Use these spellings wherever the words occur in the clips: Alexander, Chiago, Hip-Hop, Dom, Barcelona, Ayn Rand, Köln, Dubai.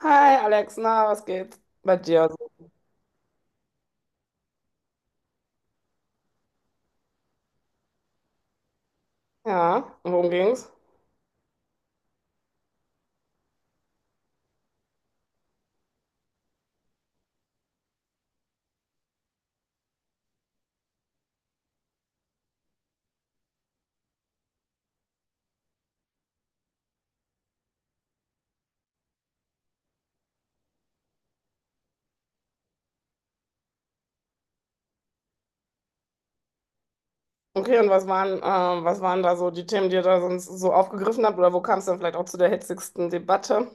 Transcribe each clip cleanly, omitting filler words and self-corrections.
Hi Alex, na, was geht bei dir Ja, und worum ging's? Okay, und was waren da so die Themen, die ihr da sonst so aufgegriffen habt? Oder wo kam es dann vielleicht auch zu der hitzigsten Debatte?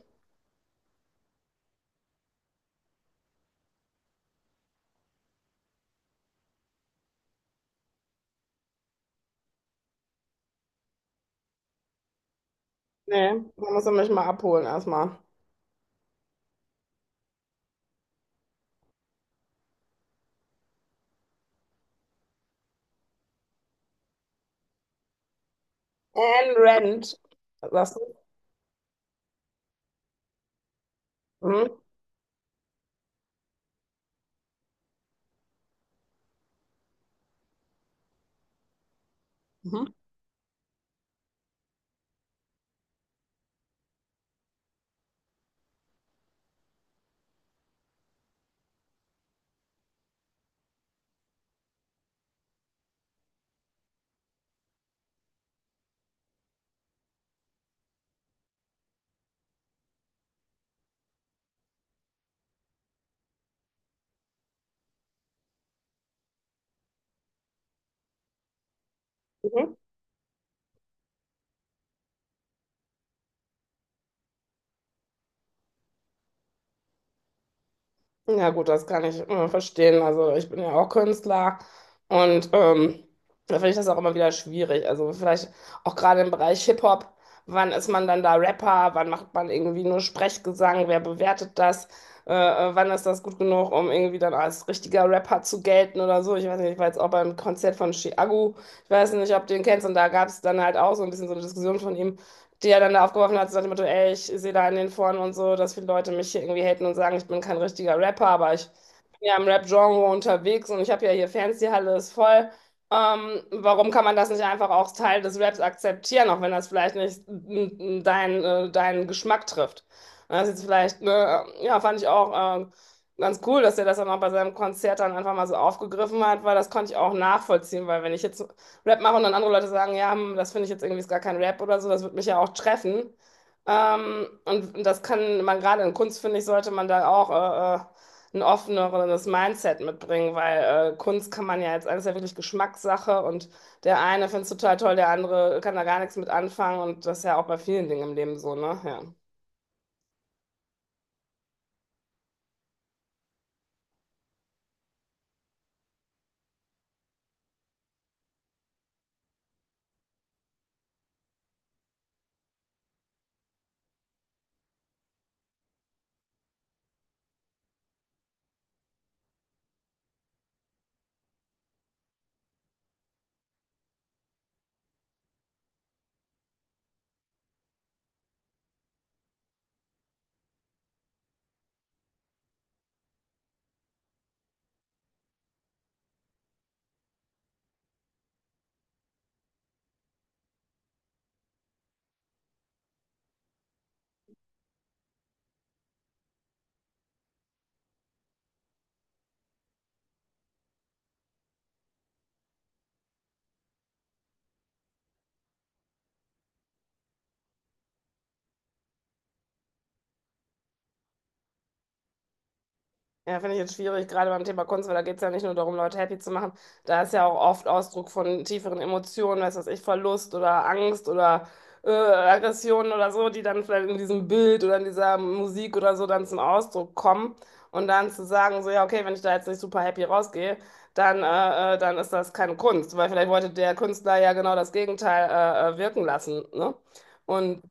Nee, da musst du mich mal abholen erstmal. Ayn Rand, sagst du? Mhm. Mhm. Ja gut, das kann ich verstehen. Also ich bin ja auch Künstler, und da finde ich das auch immer wieder schwierig. Also vielleicht auch gerade im Bereich Hip-Hop, wann ist man dann da Rapper, wann macht man irgendwie nur Sprechgesang, wer bewertet das, wann ist das gut genug, um irgendwie dann als richtiger Rapper zu gelten oder so. Ich weiß nicht, ich war jetzt auch beim Konzert von Chiago, ich weiß nicht, ob du den kennst, und da gab es dann halt auch so ein bisschen so eine Diskussion von ihm, die er dann da aufgeworfen hat, so nach dem Motto: ey, ich sehe da in den Foren und so, dass viele Leute mich hier irgendwie haten und sagen, ich bin kein richtiger Rapper, aber ich bin ja im Rap-Genre unterwegs und ich habe ja hier Fans, die Halle ist voll. Warum kann man das nicht einfach auch als Teil des Raps akzeptieren, auch wenn das vielleicht nicht dein, deinen Geschmack trifft? Und das ist jetzt vielleicht, ne, ja, fand ich auch ganz cool, dass er das dann auch bei seinem Konzert dann einfach mal so aufgegriffen hat, weil das konnte ich auch nachvollziehen, weil wenn ich jetzt Rap mache und dann andere Leute sagen, ja, hm, das finde ich jetzt irgendwie ist gar kein Rap oder so, das wird mich ja auch treffen. Und, das kann man gerade in Kunst, finde ich, sollte man da auch ein offeneres Mindset mitbringen, weil Kunst kann man ja jetzt, alles ja wirklich Geschmackssache, und der eine findet es total toll, der andere kann da gar nichts mit anfangen, und das ist ja auch bei vielen Dingen im Leben so, ne? Ja. Ja, finde ich jetzt schwierig, gerade beim Thema Kunst, weil da geht es ja nicht nur darum, Leute happy zu machen. Da ist ja auch oft Ausdruck von tieferen Emotionen, weiß was ich, Verlust oder Angst oder Aggressionen oder so, die dann vielleicht in diesem Bild oder in dieser Musik oder so dann zum Ausdruck kommen. Und dann zu sagen, so, ja, okay, wenn ich da jetzt nicht super happy rausgehe, dann ist das keine Kunst, weil vielleicht wollte der Künstler ja genau das Gegenteil wirken lassen, ne? Und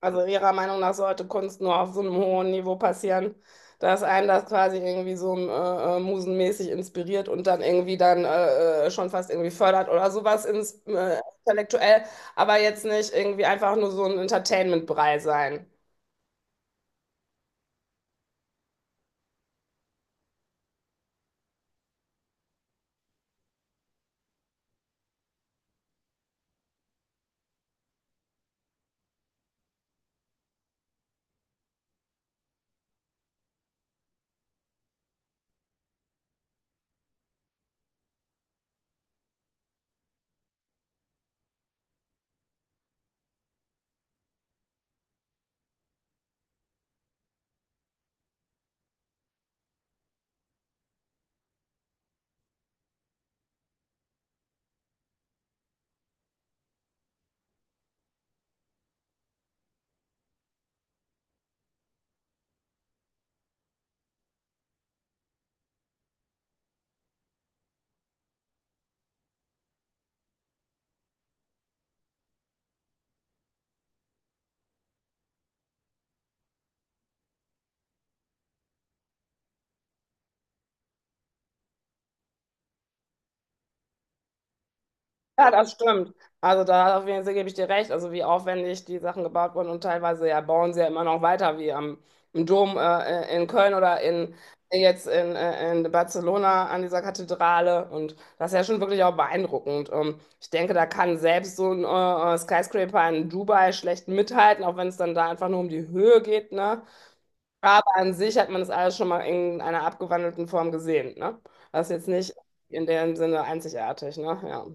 also Ihrer Meinung nach sollte Kunst nur auf so einem hohen Niveau passieren, dass einen das quasi irgendwie so musenmäßig inspiriert und dann irgendwie dann schon fast irgendwie fördert oder sowas ins, intellektuell, aber jetzt nicht irgendwie einfach nur so ein Entertainment-Brei sein. Ja, das stimmt. Also da auf jeden Fall gebe ich dir recht. Also wie aufwendig die Sachen gebaut wurden und teilweise ja bauen sie ja immer noch weiter, wie am im Dom in Köln oder in jetzt in Barcelona an dieser Kathedrale. Und das ist ja schon wirklich auch beeindruckend. Ich denke, da kann selbst so ein Skyscraper in Dubai schlecht mithalten, auch wenn es dann da einfach nur um die Höhe geht, ne? Aber an sich hat man das alles schon mal in einer abgewandelten Form gesehen, ne? Das ist jetzt nicht in dem Sinne einzigartig, ne? Ja.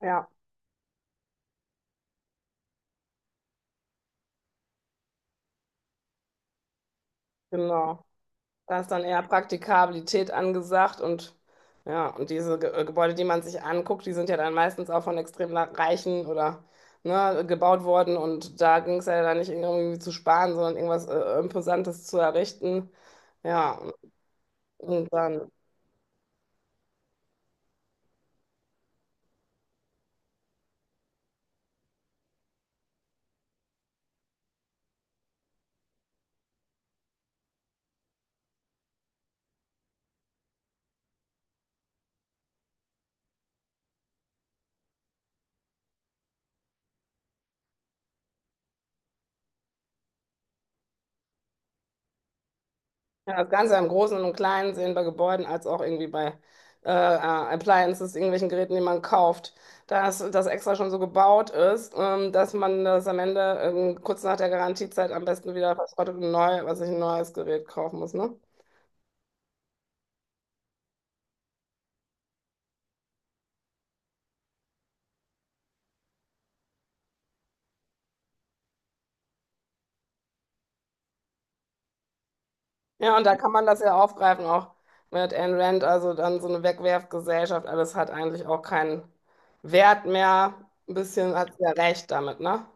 Ja. Genau. Da ist dann eher Praktikabilität angesagt, und ja, und diese Ge Gebäude, die man sich anguckt, die sind ja dann meistens auch von extrem Reichen oder, ne, gebaut worden, und da ging es ja dann nicht irgendwie zu sparen, sondern irgendwas Imposantes zu errichten. Ja, und dann. Ja, das Ganze im Großen und Kleinen sehen bei Gebäuden als auch irgendwie bei äh, äh, Appliances, irgendwelchen Geräten, die man kauft, dass das extra schon so gebaut ist, dass man das am Ende kurz nach der Garantiezeit am besten wieder verschrottet und neu, was ich ein neues Gerät kaufen muss, ne? Ja, und da kann man das ja aufgreifen, auch mit Ayn Rand, also dann so eine Wegwerfgesellschaft, alles hat eigentlich auch keinen Wert mehr. Ein bisschen hat sie ja recht damit, ne?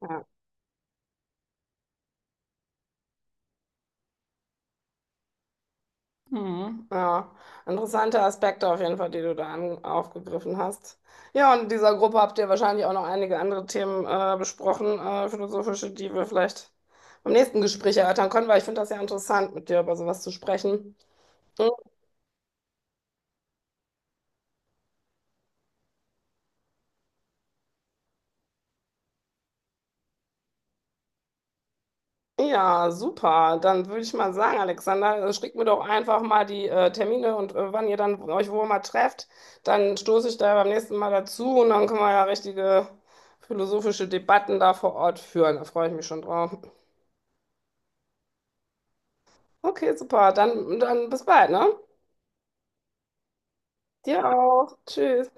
Ja. Hm, ja, interessante Aspekte auf jeden Fall, die du da an, aufgegriffen hast. Ja, und in dieser Gruppe habt ihr wahrscheinlich auch noch einige andere Themen besprochen, philosophische, die wir vielleicht beim nächsten Gespräch erörtern können, weil ich finde das ja interessant, mit dir über sowas zu sprechen. Hm, ja, super. Dann würde ich mal sagen, Alexander, schickt mir doch einfach mal die Termine und wann ihr dann euch wo mal trefft. Dann stoße ich da beim nächsten Mal dazu, und dann können wir ja richtige philosophische Debatten da vor Ort führen. Da freue ich mich schon drauf. Okay, super. Dann, dann bis bald, ne? Dir auch. Tschüss.